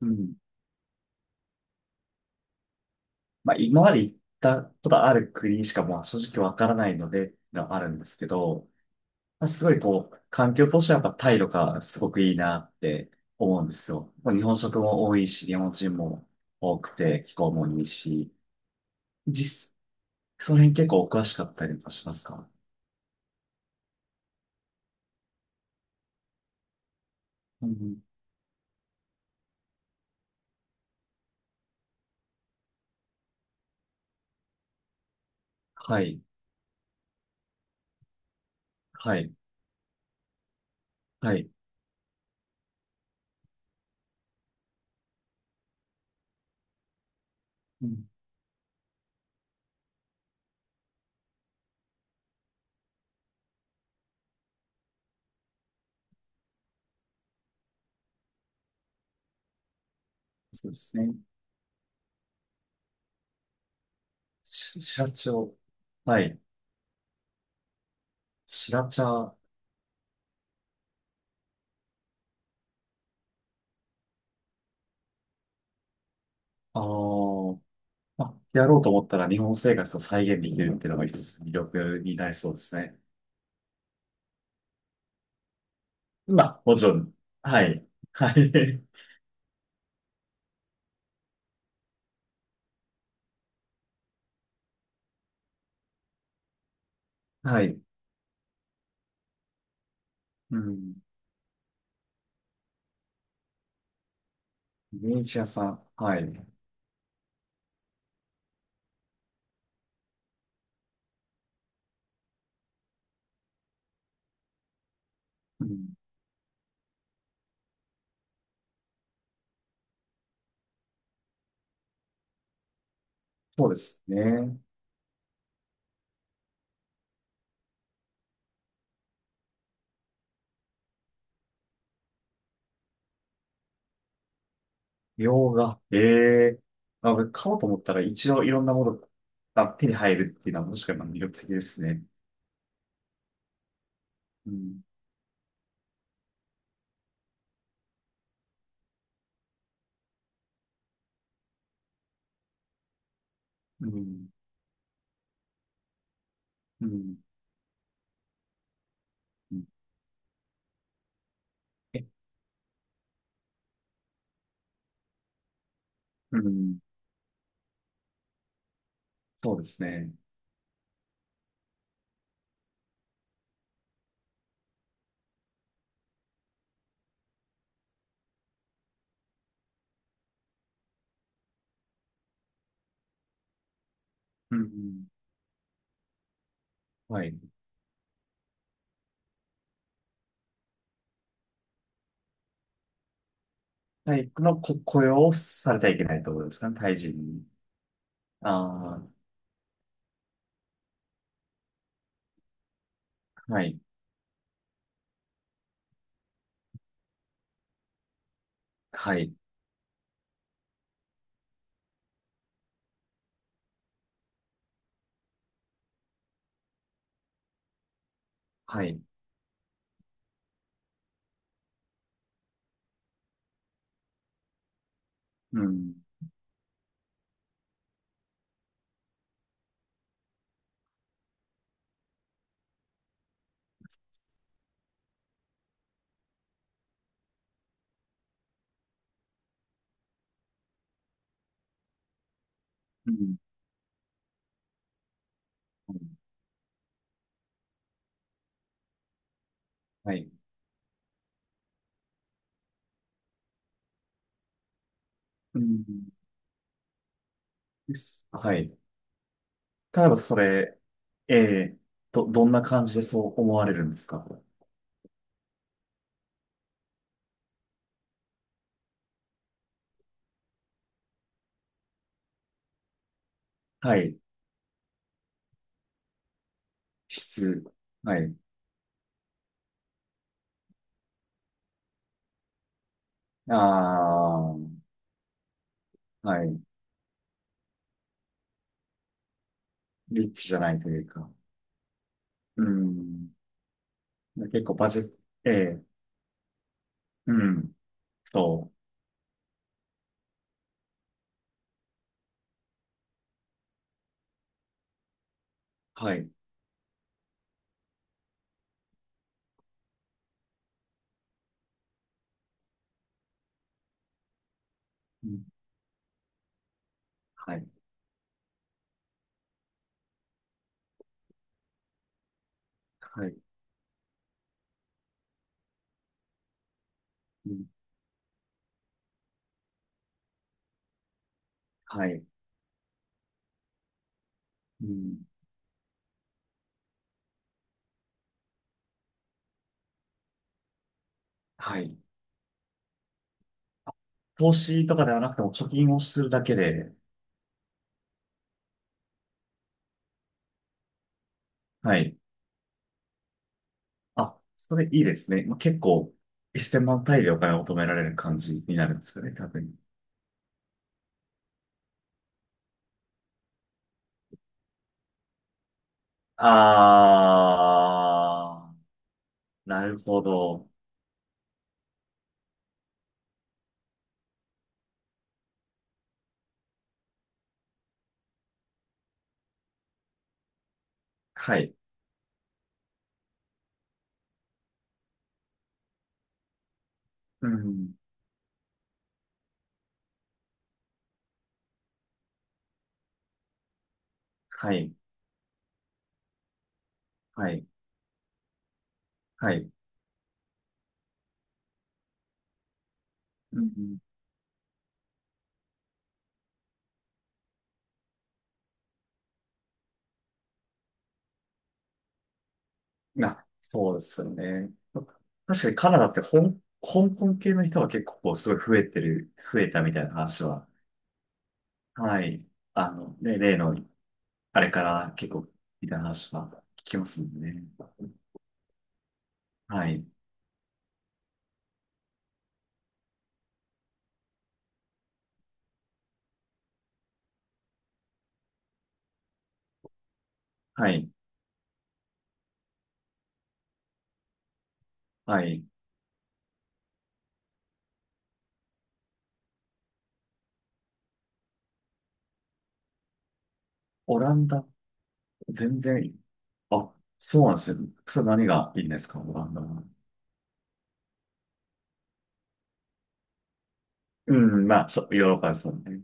うん。まあ、今まで行ったことある国しかまあ正直わからないので、があるんですけど、まあ、すごいこう、環境としてはやっぱタイとかすごくいいなって思うんですよ。まあ日本食も多いし、日本人も多くて、気候もいいし、実、その辺結構お詳しかったりもしますか？うん。はい、はい、はい。うん、そうですね。白茶を。はい。白茶。ああ。まあ、やろうと思ったら日本生活を再現できるっていうのが一つ魅力になりそうですね。まあ、もちろん、はい。はい。はい。うん。ベネチアさん。はい。うん、そうですね。洋画。ええ、まあ、俺買おうと思ったら一応いろんなものが手に入るっていうのはもしかしたら魅力的ですね。うん。うん。うん。うん。え、うん。そうですね。うん。はい。体育のこ雇用をされてはいけないところですかね。タイ人に。ああ、はい、はい、はい、うん、うん、はい、うん、です。はい。例えばそれ、ええ、どんな感じでそう思われるんですか？はい、質、はい、ああ、はい、リッチじゃないというか、うん、結構バジェット、ええ、うん、と、はい、うん、はい、はい、うん、はい、うん、はい。投資とかではなくても貯金をするだけで、はい。あ、それいいですね。まあ、結構、1000万単位でお金を求められる感じになるんですよね、多分。あー、なるほど。はい。うん。はい。はい。はい。うん。そうですよね。確かにカナダって香港系の人が結構こうすごい増えてる、増えたみたいな話は、はい。ね、例の、あれから結構、みたいな話は聞きますもんね。はい。はい。はい。オランダ、全然いい、あ、そうなんですね。それ何がいいんですか、オランダは？うん、まあ、そう、ヨーロッパですよね。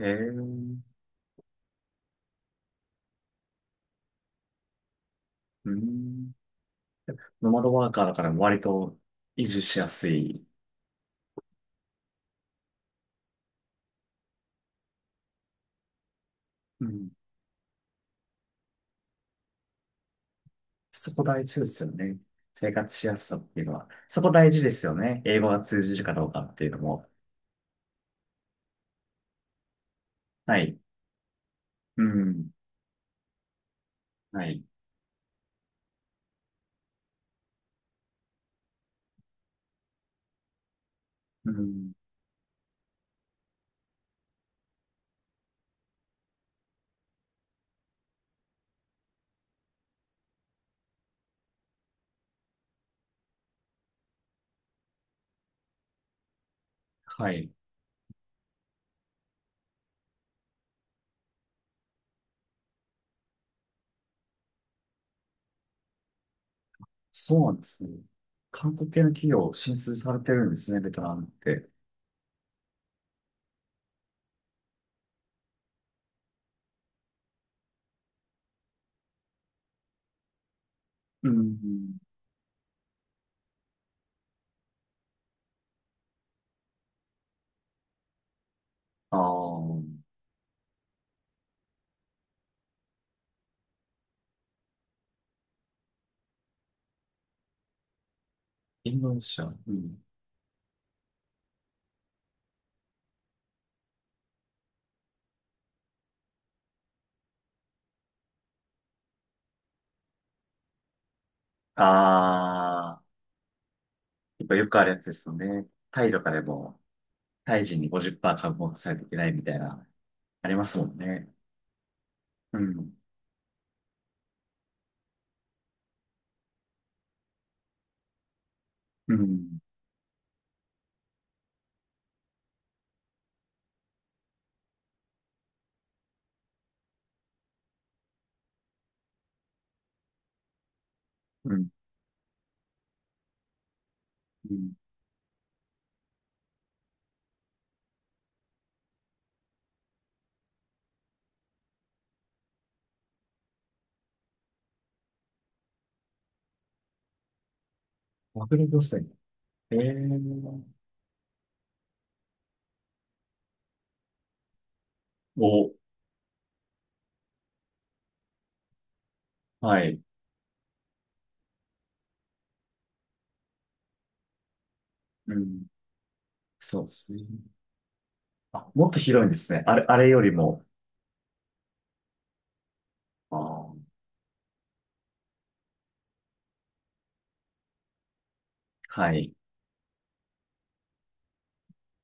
へえー、うん。ノマドワーカーだから割と移住しやすい。うん。そこ大事ですよね。生活しやすさっていうのは。そこ大事ですよね。英語が通じるかどうかっていうのも。はい。うん。はい。うん。はい。そうなんですね。韓国系の企業進出されてるんですね、ベトナムって。うん。あー、新聞社。うん。あー、やっぱよくあるやつですよね。タイとかでも、タイ人に50%株持たさないといけないみたいな、ありますもんね。うん。うん。うん。うん。マクロ漁船。ええー、お、はい。うん。そうですね。あ、もっと広いんですね。あれ、あれよりも。あー、はい。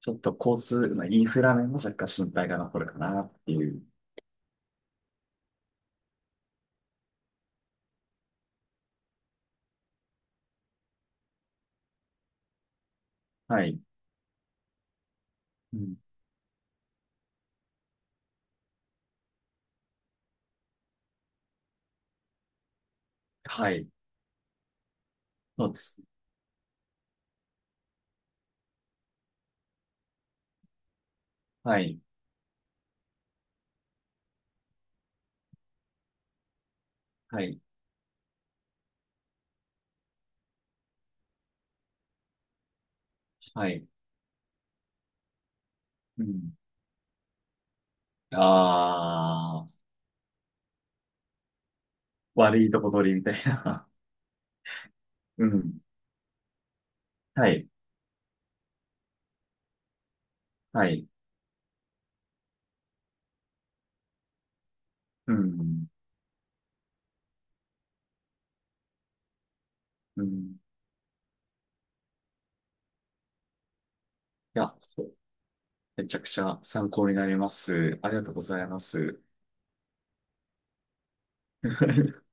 ちょっと交通、まあ、インフラ面も若干心配が残るかなっていう。はい。うん。はい。そうです。はい。はい。はい。うん。ああ、悪いとこ取りみたいな。うん。はい。はい。うん。うん。いや、めちゃくちゃ参考になります。ありがとうございます。